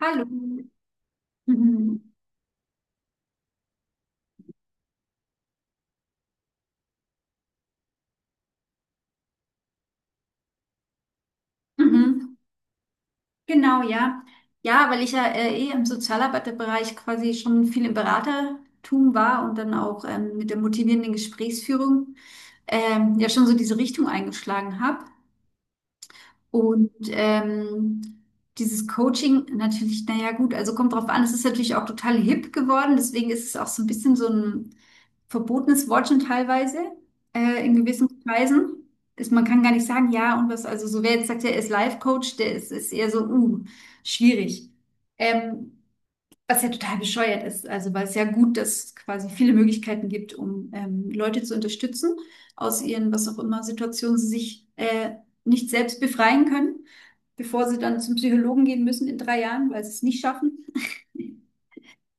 Hallo. Mhm. Mhm. Genau, ja. Ja, weil ich ja eh im Sozialarbeiterbereich quasi schon viel im Beratertum war und dann auch mit der motivierenden Gesprächsführung ja schon so diese Richtung eingeschlagen habe. Und dieses Coaching natürlich, naja, gut, also kommt drauf an, es ist natürlich auch total hip geworden, deswegen ist es auch so ein bisschen so ein verbotenes Wort schon teilweise in gewissen Kreisen. Man kann gar nicht sagen, ja und was, also so wer jetzt sagt, er ist Life-Coach, der ist eher so, schwierig. Ähm, was ja total bescheuert ist, also weil es ja gut, dass es quasi viele Möglichkeiten gibt, um Leute zu unterstützen aus ihren, was auch immer, Situationen, sie sich nicht selbst befreien können, bevor sie dann zum Psychologen gehen müssen in 3 Jahren, weil sie es nicht schaffen.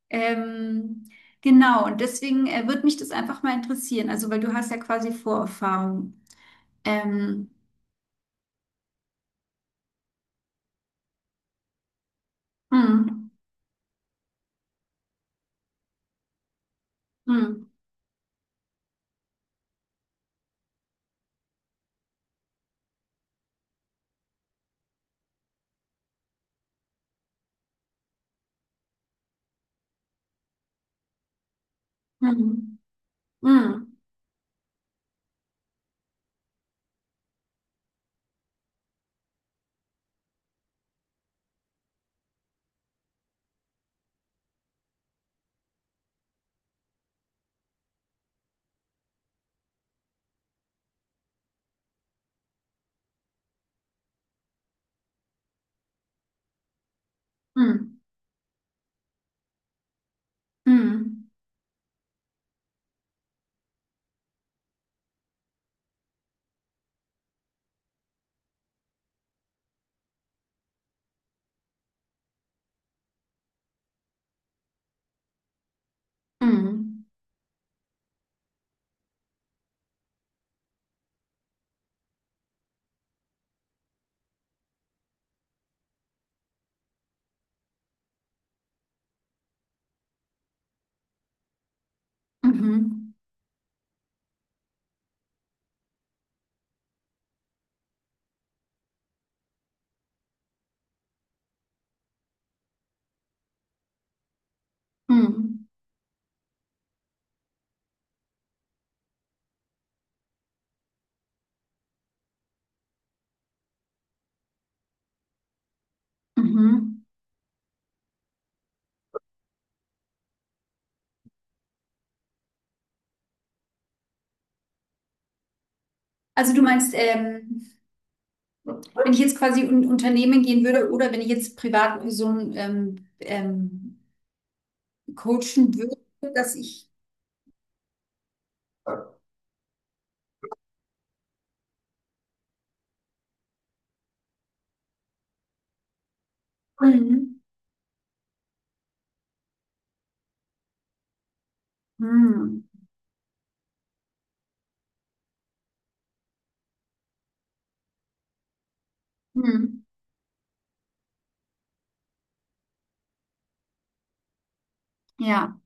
Ähm, genau, und deswegen würde mich das einfach mal interessieren. Also, weil du hast ja quasi Vorerfahrung. Ähm, mm, mm, mm, mm, mm, mm, mm, mhm, mm, mhm. Also du meinst, wenn ich jetzt quasi in ein Unternehmen gehen würde oder wenn ich jetzt Privatpersonen coachen würde, dass ich. Mm, mm, mm, ja,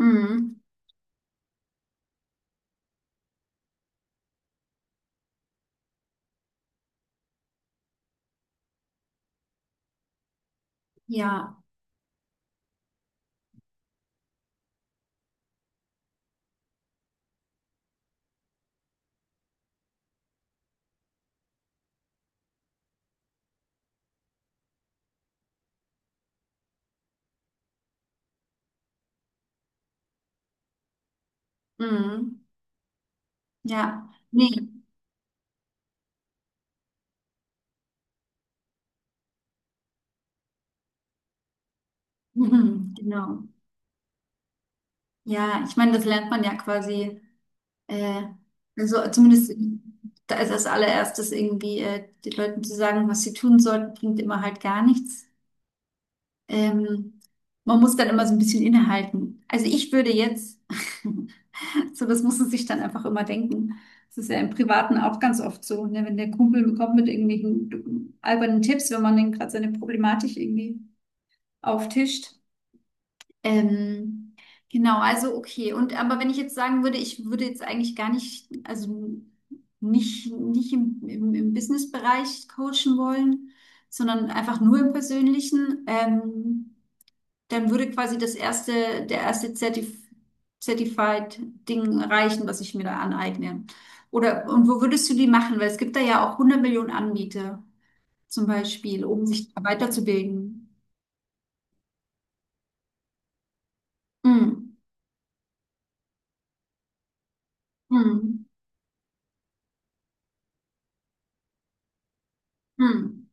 mm, ja. Mm. Ja, nee, mhm, genau. Ja, ich meine, das lernt man ja quasi, äh, also zumindest da ist als allererstes irgendwie den Leuten zu sagen, was sie tun sollten, bringt immer halt gar nichts. Ähm, Man muss dann immer so ein bisschen innehalten. Also ich würde jetzt, so das muss man sich dann einfach immer denken. Das ist ja im Privaten auch ganz oft so, ne? Wenn der Kumpel kommt mit irgendwelchen albernen Tipps, wenn man dann gerade seine Problematik irgendwie auftischt. Ähm, genau, also okay. Und aber wenn ich jetzt sagen würde, ich würde jetzt eigentlich gar nicht, also nicht im, im Business-Bereich coachen wollen, sondern einfach nur im Persönlichen, dann würde quasi das erste, der erste Zertif Certified-Ding reichen, was ich mir da aneigne. Oder, und wo würdest du die machen? Weil es gibt da ja auch 100 Millionen Anbieter zum Beispiel, um sich da weiterzubilden. Mm, mm, mm,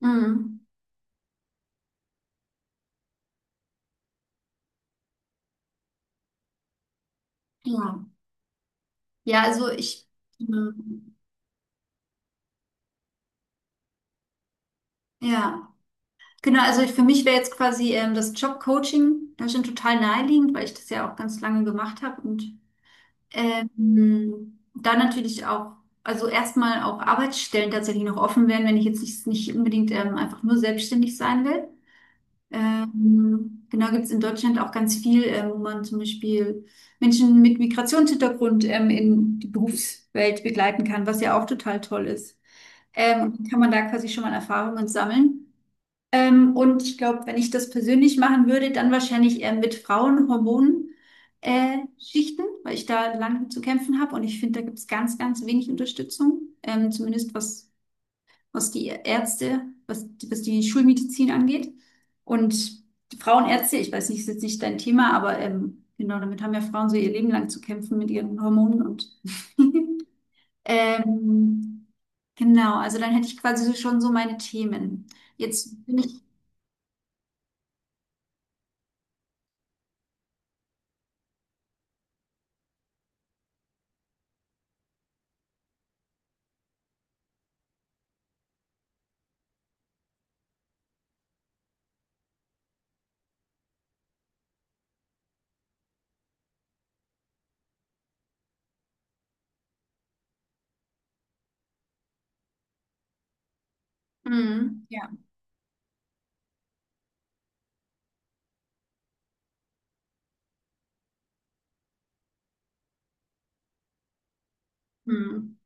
mm. Mm. Ja, ja, also ich, ähm, ja, genau, also ich, für mich wäre jetzt quasi das Jobcoaching, das ist schon total naheliegend, weil ich das ja auch ganz lange gemacht habe und da natürlich auch, also erstmal auch Arbeitsstellen tatsächlich noch offen wären, wenn ich jetzt nicht, nicht unbedingt einfach nur selbstständig sein will. Genau, gibt es in Deutschland auch ganz viel, wo man zum Beispiel Menschen mit Migrationshintergrund in die Berufswelt begleiten kann, was ja auch total toll ist. Kann man da quasi schon mal Erfahrungen sammeln. Und ich glaube, wenn ich das persönlich machen würde, dann wahrscheinlich eher mit Frauenhormonen, Schichten, weil ich da lang zu kämpfen habe. Und ich finde, da gibt es ganz, ganz wenig Unterstützung, zumindest was, was, die- Ärzte, was die Schulmedizin angeht. Und die Frauenärzte, ich weiß nicht, ist jetzt nicht dein Thema, aber genau, damit haben ja Frauen so ihr Leben lang zu kämpfen mit ihren Hormonen und Ähm, genau, also dann hätte ich quasi so schon so meine Themen. Jetzt bin ich. Mhm. Ja. Mhm.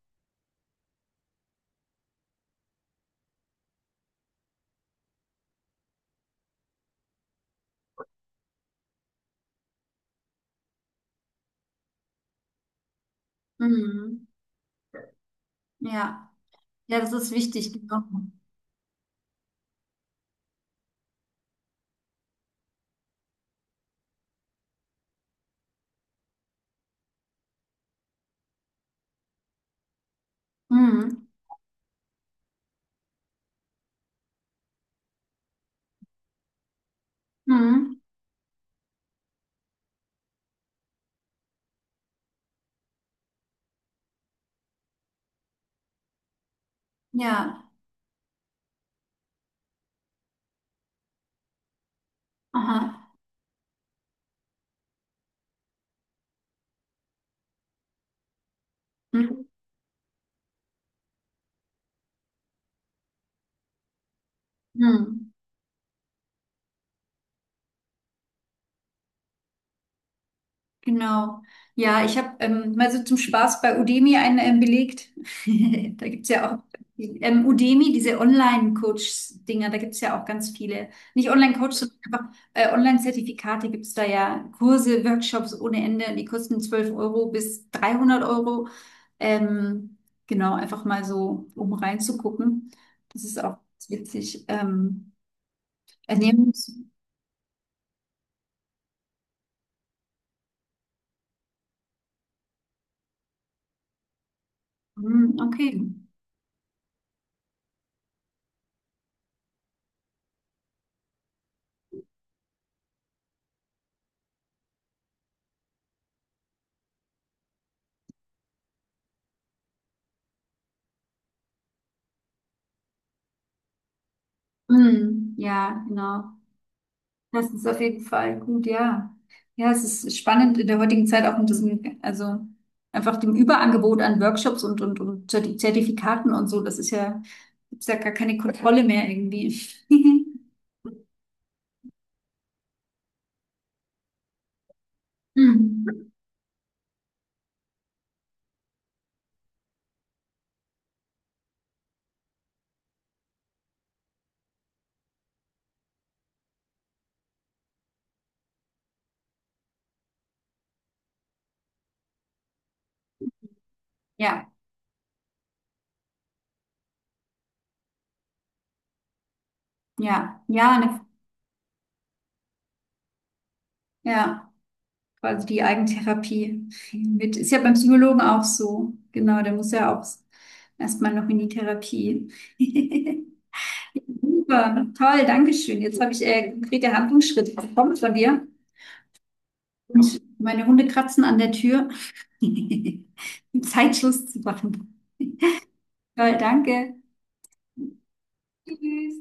Mhm. Ja. Ja, das ist wichtig, genau. Mhm. Mhm. Ja. Aha. Mhm. Mhm. Genau. Ja, ich habe mal so zum Spaß bei Udemy einen belegt. Da gibt's ja auch Udemy, diese Online-Coach-Dinger, da gibt's ja auch ganz viele. Nicht Online-Coach, sondern einfach Online-Zertifikate gibt's da ja. Kurse, Workshops ohne Ende, die kosten 12 € bis 300 Euro. Ähm, genau, einfach mal so, um reinzugucken. Das ist auch ganz witzig. Ernährungs-. Hm, okay. Hm, ja, genau. Das ist auf jeden Fall gut, ja. Ja, es ist spannend in der heutigen Zeit auch mit diesem, also einfach dem Überangebot an Workshops und Zerti- Zertifikaten und so. Das ist ja, gibt's ja gar keine Kontrolle mehr irgendwie. Mhm. Ja, ja, ja, ne, ja, quasi die Eigentherapie mit, ist ja beim Psychologen auch so. Genau, der muss ja auch erstmal noch in die Therapie. Super, toll, Dankeschön. Jetzt habe ich konkrete Handlungsschritte bekommen von dir. Und meine Hunde kratzen an der Tür. um Zeitschluss zu machen. Toll, danke. Tschüss.